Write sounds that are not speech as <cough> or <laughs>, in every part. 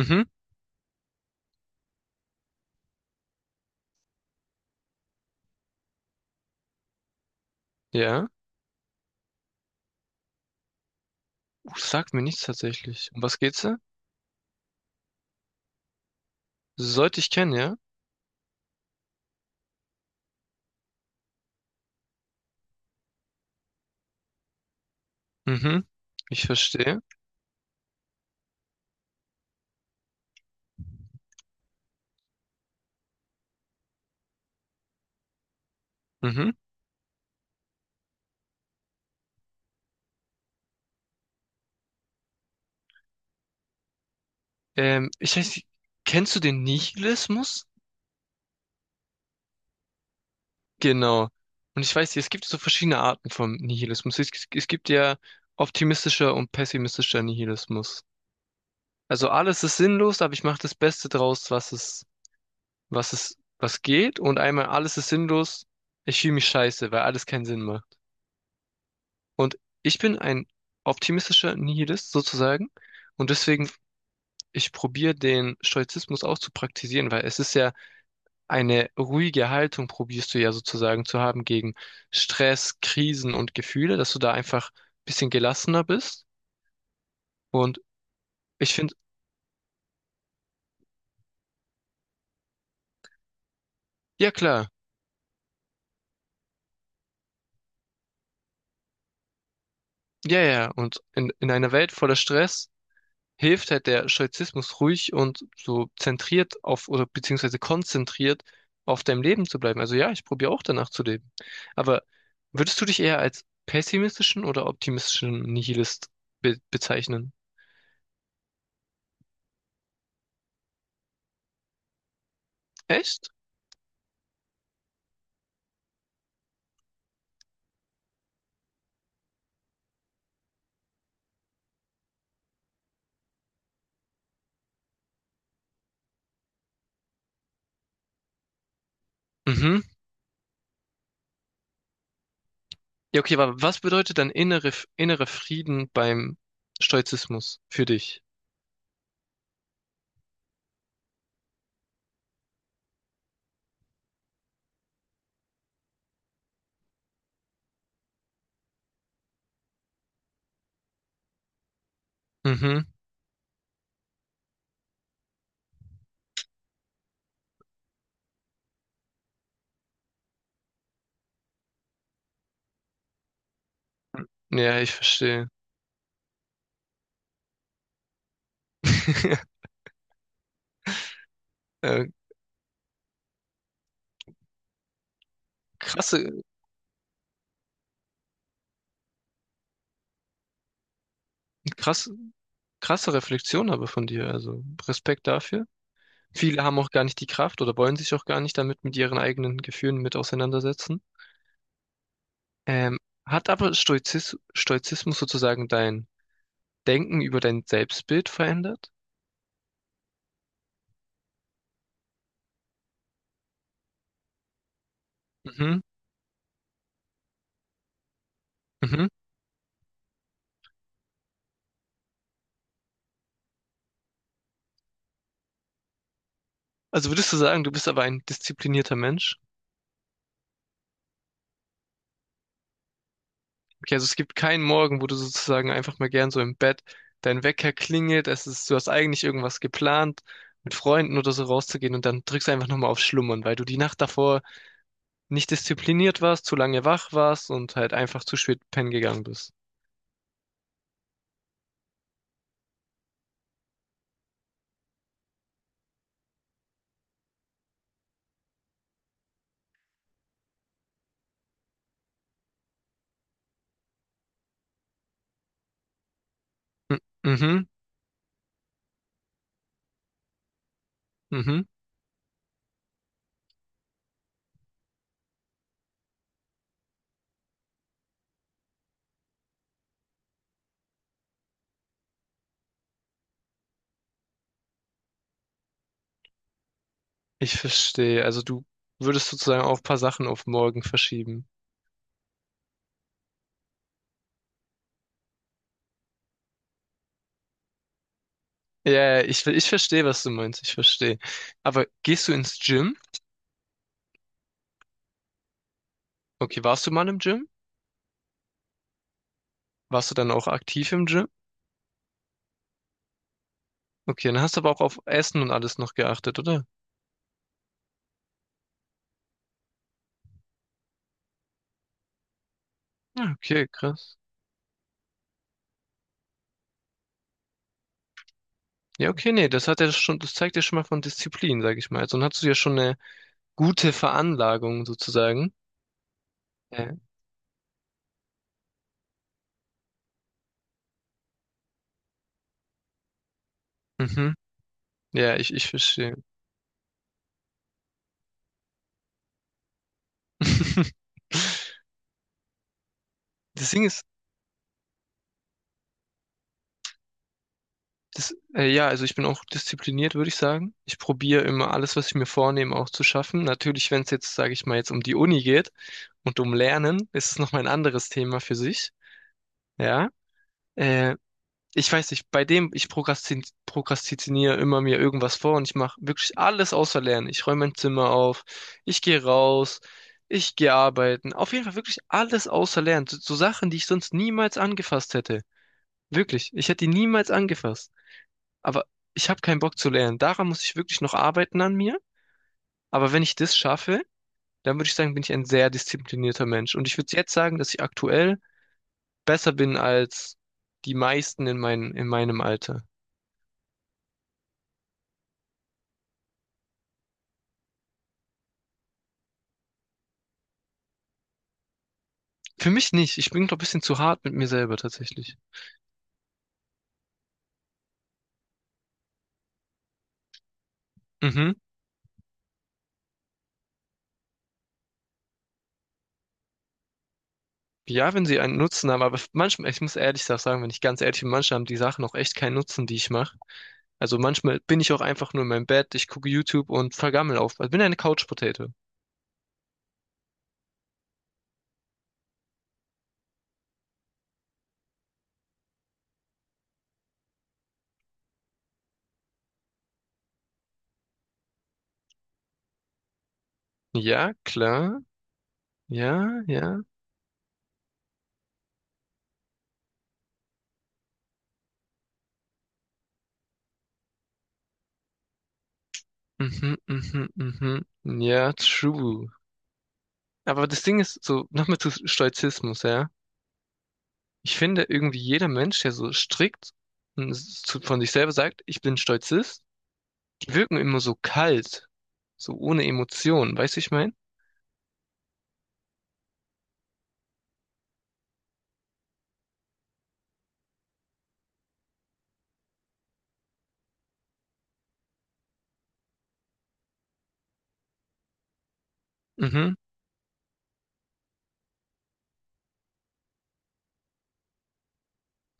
Mhm. Ja. Sagt mir nichts tatsächlich. Um was geht's da? Sollte ich kennen, ja? Mhm. Ich verstehe. Mhm. Ich weiß, kennst du den Nihilismus? Genau. Und ich weiß, es gibt so verschiedene Arten vom Nihilismus. Es gibt ja optimistischer und pessimistischer Nihilismus. Also alles ist sinnlos, aber ich mache das Beste draus, was geht. Und einmal alles ist sinnlos, ich fühle mich scheiße, weil alles keinen Sinn macht. Und ich bin ein optimistischer Nihilist sozusagen. Und deswegen, ich probiere den Stoizismus auch zu praktizieren, weil es ist ja eine ruhige Haltung, probierst du ja sozusagen zu haben gegen Stress, Krisen und Gefühle, dass du da einfach ein bisschen gelassener bist. Und ich finde, ja klar, ja, ja. Und in einer Welt voller Stress hilft halt der Stoizismus ruhig und so zentriert auf oder beziehungsweise konzentriert auf deinem Leben zu bleiben. Also ja, ich probiere auch danach zu leben. Aber würdest du dich eher als pessimistischen oder optimistischen Nihilist be bezeichnen? Echt? Mhm. Ja, okay, aber was bedeutet dann innere Frieden beim Stoizismus für dich? Mhm. Ja, ich verstehe. <laughs> Äh, Krasse, krass, krasse Reflexion aber von dir. Also Respekt dafür. Viele haben auch gar nicht die Kraft oder wollen sich auch gar nicht damit mit ihren eigenen Gefühlen mit auseinandersetzen. Ähm, Hat aber Stoizismus sozusagen dein Denken über dein Selbstbild verändert? Mhm, mhm. Also würdest du sagen, du bist aber ein disziplinierter Mensch? Okay, also es gibt keinen Morgen, wo du sozusagen einfach mal gern so im Bett dein Wecker klingelt, es ist, du hast eigentlich irgendwas geplant, mit Freunden oder so rauszugehen und dann drückst du einfach nochmal auf Schlummern, weil du die Nacht davor nicht diszipliniert warst, zu lange wach warst und halt einfach zu spät pennen gegangen bist. M- Mhm, mhm. Ich verstehe. Also du würdest sozusagen auch ein paar Sachen auf morgen verschieben. Ja, ja, ich verstehe, was du meinst. Ich verstehe. Aber gehst du ins Gym? Okay, warst du mal im Gym? Warst du dann auch aktiv im Gym? Okay, dann hast du aber auch auf Essen und alles noch geachtet, oder? Ja, okay, krass. Ja, okay, nee, das hat ja schon, das zeigt ja schon mal von Disziplin, sag ich mal. Also, dann hast du ja schon eine gute Veranlagung sozusagen. Ja, mhm. Ja, ich verstehe. <laughs> Das Ding ist, das, ja, also ich bin auch diszipliniert, würde ich sagen. Ich probiere immer alles, was ich mir vornehme, auch zu schaffen. Natürlich, wenn es jetzt, sage ich mal, jetzt um die Uni geht und um Lernen, ist es nochmal ein anderes Thema für sich. Ja, äh, ich weiß nicht, bei dem, ich prokrastin prokrastiniere immer mir irgendwas vor und ich mache wirklich alles außer Lernen. Ich räume mein Zimmer auf, ich gehe raus, ich gehe arbeiten. Auf jeden Fall wirklich alles außer Lernen. So Sachen, die ich sonst niemals angefasst hätte. Wirklich, ich hätte die niemals angefasst. Aber ich habe keinen Bock zu lernen. Daran muss ich wirklich noch arbeiten an mir. Aber wenn ich das schaffe, dann würde ich sagen, bin ich ein sehr disziplinierter Mensch. Und ich würde jetzt sagen, dass ich aktuell besser bin als die meisten in meinem Alter. Für mich nicht. Ich bin doch ein bisschen zu hart mit mir selber tatsächlich. Mhm. Ja, wenn sie einen Nutzen haben, aber manchmal, ich muss ehrlich sagen, wenn ich ganz ehrlich bin, manchmal haben die Sachen auch echt keinen Nutzen, die ich mache. Also manchmal bin ich auch einfach nur in meinem Bett, ich gucke YouTube und vergammel auf. Also bin eine Couch-Potato. Ja, klar. Ja, ja. Mhm, mhm, mhm. Ja, true. Aber das Ding ist so, nochmal zu Stoizismus, ja. Ich finde irgendwie jeder Mensch, der so strikt und von sich selber sagt, ich bin Stoizist, die wirken immer so kalt, so ohne Emotionen, weißt du, ich mein? Mhm,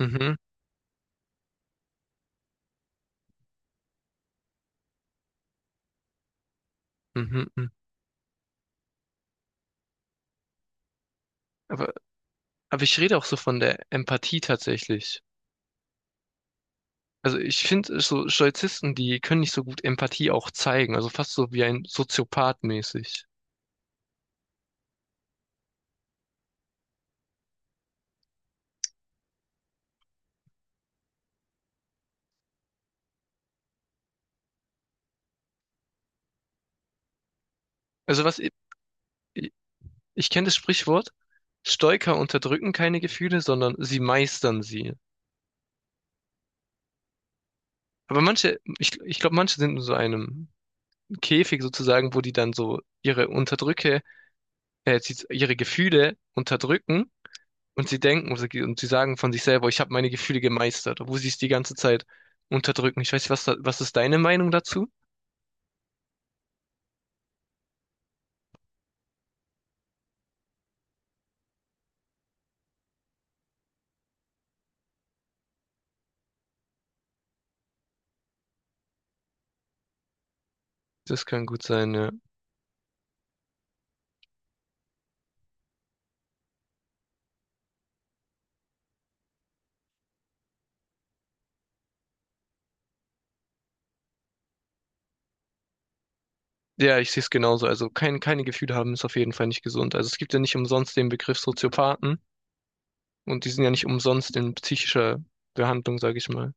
mhm, mhm, mhm. Aber, aber ich rede auch so von der Empathie tatsächlich. Also ich finde so Stoizisten, die können nicht so gut Empathie auch zeigen, also fast so wie ein Soziopath mäßig. Also was, ich kenne das Sprichwort, Stoiker unterdrücken keine Gefühle, sondern sie meistern sie. Aber manche, ich glaube, manche sind in so einem Käfig sozusagen, wo die dann so ihre Gefühle unterdrücken und sie denken und sie sagen von sich selber, ich habe meine Gefühle gemeistert, obwohl sie es die ganze Zeit unterdrücken. Ich weiß nicht, was, da, was ist deine Meinung dazu? Das kann gut sein, ja. Ja, ich sehe es genauso. Also kein, keine Gefühle haben ist auf jeden Fall nicht gesund. Also es gibt ja nicht umsonst den Begriff Soziopathen. Und die sind ja nicht umsonst in psychischer Behandlung, sage ich mal.